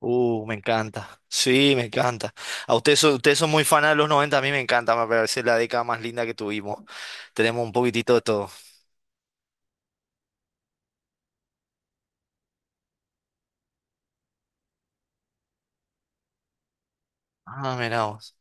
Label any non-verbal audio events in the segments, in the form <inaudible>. Me encanta. Sí, me encanta. A ustedes son muy fanas de los 90. A mí me encanta, me parece la década más linda que tuvimos. Tenemos un poquitito de todo. Ah, mira vos.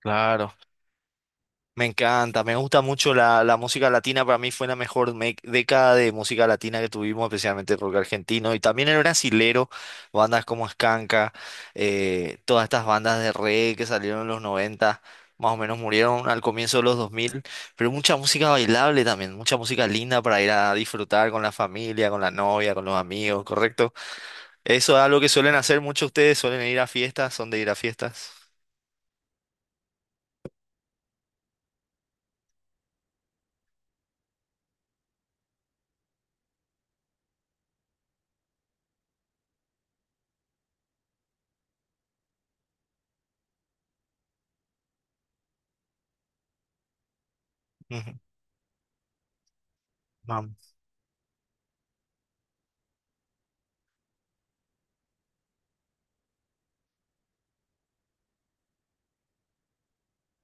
Claro. Me encanta, me gusta mucho la música latina. Para mí fue la mejor década de música latina que tuvimos, especialmente el rock argentino y también el brasilero, bandas como Skanka, todas estas bandas de reggae que salieron en los 90, más o menos murieron al comienzo de los 2000. Pero mucha música bailable también, mucha música linda para ir a disfrutar con la familia, con la novia, con los amigos, ¿correcto? Eso es algo que suelen hacer muchos ustedes, suelen ir a fiestas, son de ir a fiestas. Ujú. Mam.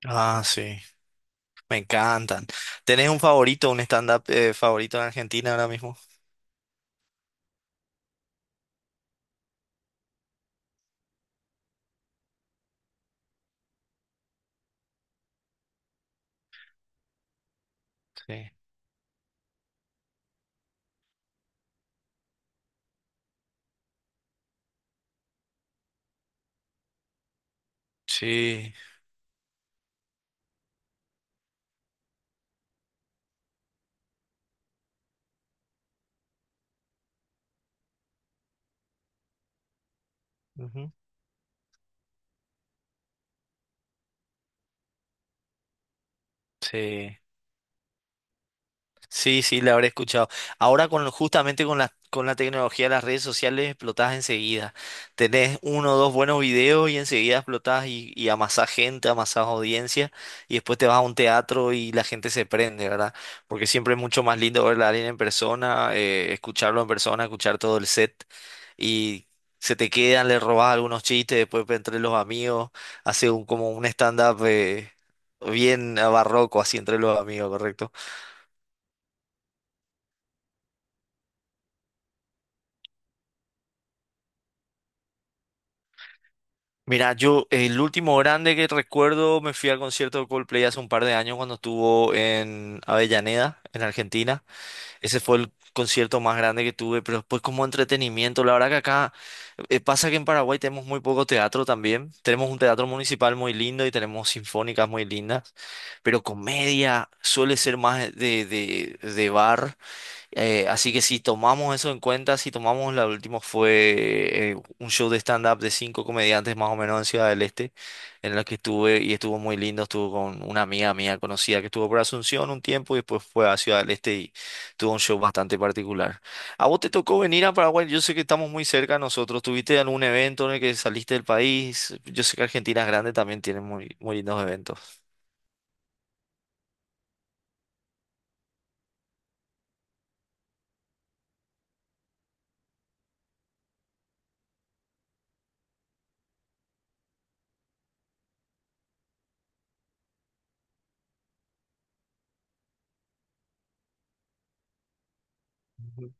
Ah, sí. Me encantan. ¿Tenés un favorito, un stand-up favorito en Argentina ahora mismo? Sí, sí. Ujú. Sí. Sí, sí, la habré escuchado. Ahora con justamente con la tecnología de las redes sociales explotás enseguida. Tenés uno o dos buenos videos y enseguida explotás y amasás gente, amasás audiencia y después te vas a un teatro y la gente se prende, ¿verdad? Porque siempre es mucho más lindo verla a alguien en persona, escucharlo en persona, escuchar todo el set y se te quedan, le robás algunos chistes, después entre los amigos, hace un, como un stand-up bien barroco así entre los amigos, ¿correcto? Mira, yo el último grande que recuerdo me fui al concierto de Coldplay hace un par de años cuando estuvo en Avellaneda, en Argentina. Ese fue el concierto más grande que tuve, pero después como entretenimiento, la verdad que acá pasa que en Paraguay tenemos muy poco teatro también. Tenemos un teatro municipal muy lindo y tenemos sinfónicas muy lindas, pero comedia suele ser más de bar. Así que si tomamos eso en cuenta, si tomamos la última fue un show de stand-up de cinco comediantes más o menos en Ciudad del Este, en la que estuve y estuvo muy lindo, estuvo con una amiga mía conocida que estuvo por Asunción un tiempo y después fue a Ciudad del Este y tuvo un show bastante particular. ¿A vos te tocó venir a Paraguay? Yo sé que estamos muy cerca nosotros. ¿Tuviste algún evento en el que saliste del país? Yo sé que Argentina es grande, también tiene muy, muy lindos eventos. Ujú.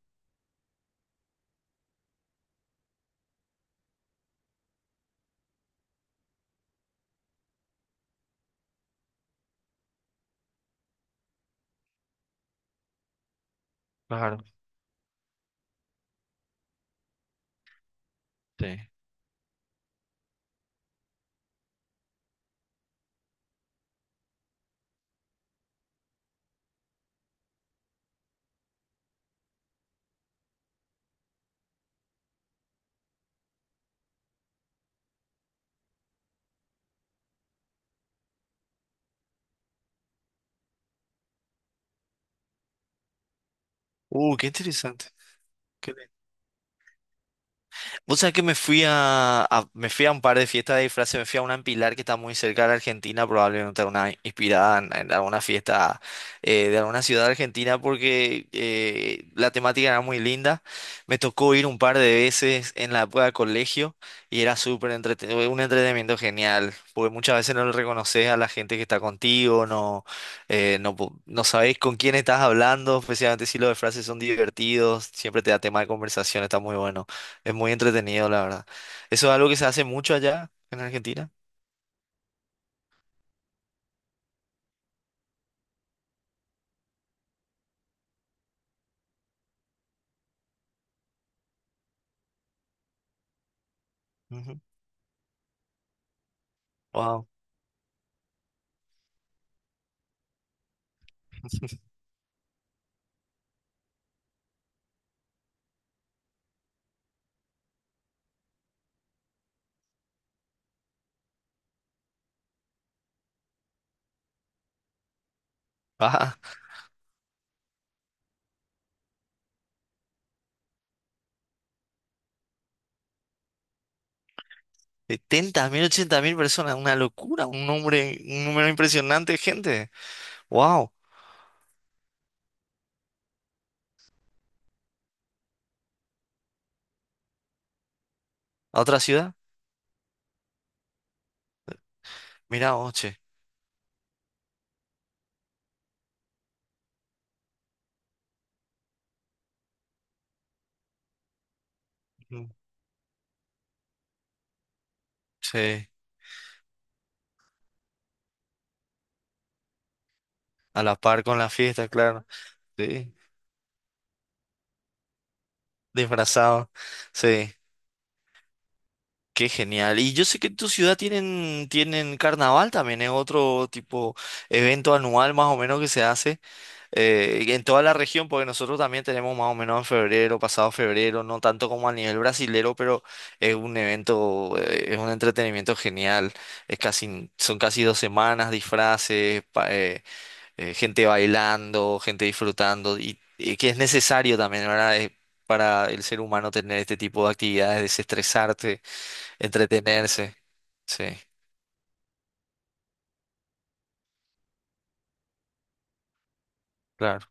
Claro, sí. Qué interesante. Vos sabés que me fui me fui a un par de fiestas de disfraces, me fui a una en Pilar que está muy cerca de Argentina, probablemente una inspirada en alguna fiesta de alguna ciudad argentina porque la temática era muy linda. Me tocó ir un par de veces en la época de colegio y era súper entretenido, un entretenimiento genial, porque muchas veces no le reconoces a la gente que está contigo. No, no, no sabés con quién estás hablando, especialmente si los disfraces son divertidos, siempre te da tema de conversación, está muy bueno. Es muy entretenido, la verdad. Eso es algo que se hace mucho allá en Argentina. Wow. Ah, 70 <laughs> mil, 80 mil personas, una locura, un nombre, un número impresionante de gente. Wow. ¿A otra ciudad? Mira, oche. Ujú. Sí, a la par con la fiesta, claro. Sí, disfrazado. Sí, qué genial. Y yo sé que en tu ciudad tienen, tienen carnaval también, es otro tipo evento anual más o menos que se hace. Y en toda la región, porque nosotros también tenemos más o menos en febrero, pasado febrero, no tanto como a nivel brasilero, pero es un evento, es un entretenimiento genial. Es casi, son casi 2 semanas, disfraces, gente bailando, gente disfrutando, y que es necesario también, ¿verdad? Es para el ser humano tener este tipo de actividades, desestresarte, entretenerse. Sí, claro.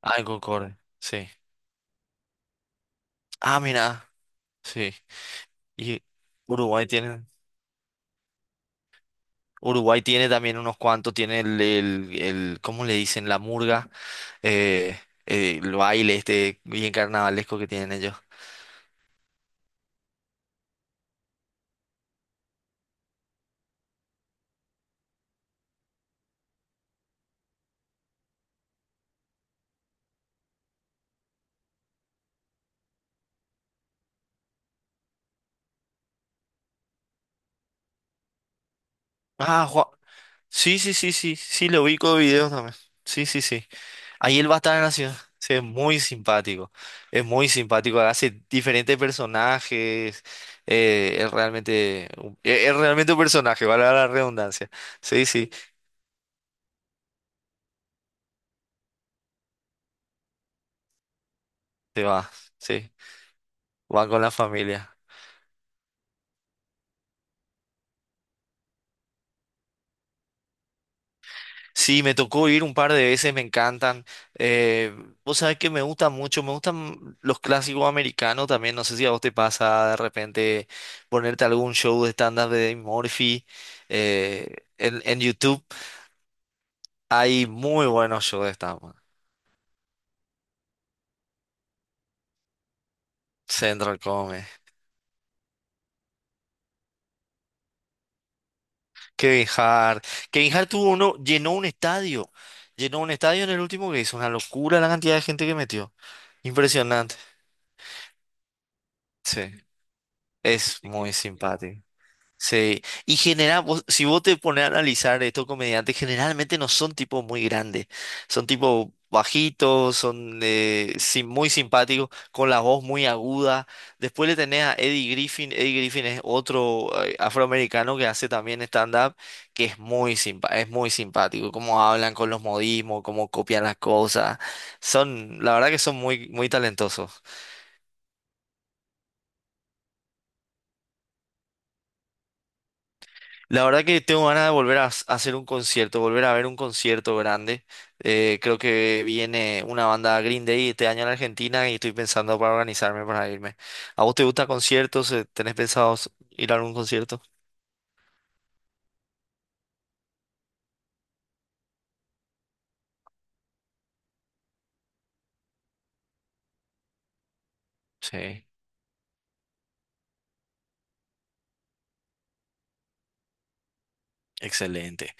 Ah, en Concorde, sí. Ah, mira, sí. Y Uruguay tiene. Uruguay tiene también unos cuantos, tiene ¿cómo le dicen? La murga, eh, el baile este bien carnavalesco que tienen ellos. Ah, Juan. Sí, sí, sí, sí, sí, lo ubico de videos también. Sí, sí, sí. Ahí él va a estar en la ciudad. Sí, es muy simpático. Es muy simpático. Hace diferentes personajes. Es realmente, es realmente un personaje, vale la redundancia. Sí, sí, se va. Sí, van con la familia. Sí, me tocó ir un par de veces, me encantan. Eh, vos sabés que me gusta mucho, me gustan los clásicos americanos también. No sé si a vos te pasa de repente ponerte algún show de stand-up de Dave Murphy. eh, en YouTube hay muy buenos shows de stand-up. Central Comedy, Kevin Hart. Kevin Hart tuvo uno, llenó un estadio. Llenó un estadio en el último que hizo. Una locura la cantidad de gente que metió. Impresionante. Sí, es muy simpático. Sí, y genera, si vos te pones a analizar estos comediantes, generalmente no son tipos muy grandes, son tipos bajitos, son muy simpáticos, con la voz muy aguda. Después le tenés a Eddie Griffin, Eddie Griffin es otro afroamericano que hace también stand-up, que es muy es muy simpático, cómo hablan con los modismos, cómo copian las cosas. Son, la verdad que son muy, muy talentosos. La verdad que tengo ganas de volver a a hacer un concierto, volver a ver un concierto grande. Creo que viene una banda Green Day este año en Argentina y estoy pensando para organizarme para irme. ¿A vos te gustan conciertos? ¿Tenés pensado ir a algún concierto? Sí, excelente.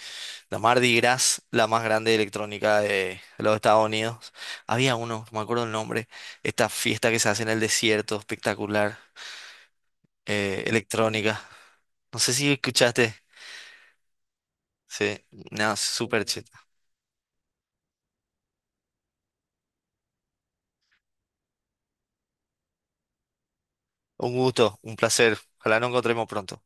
La Mardi Gras, la más grande de electrónica de los Estados Unidos. Había uno, no me acuerdo el nombre, esta fiesta que se hace en el desierto, espectacular, electrónica. No sé si escuchaste. Sí, nada, súper chido. Un gusto, un placer. Ojalá nos encontremos pronto.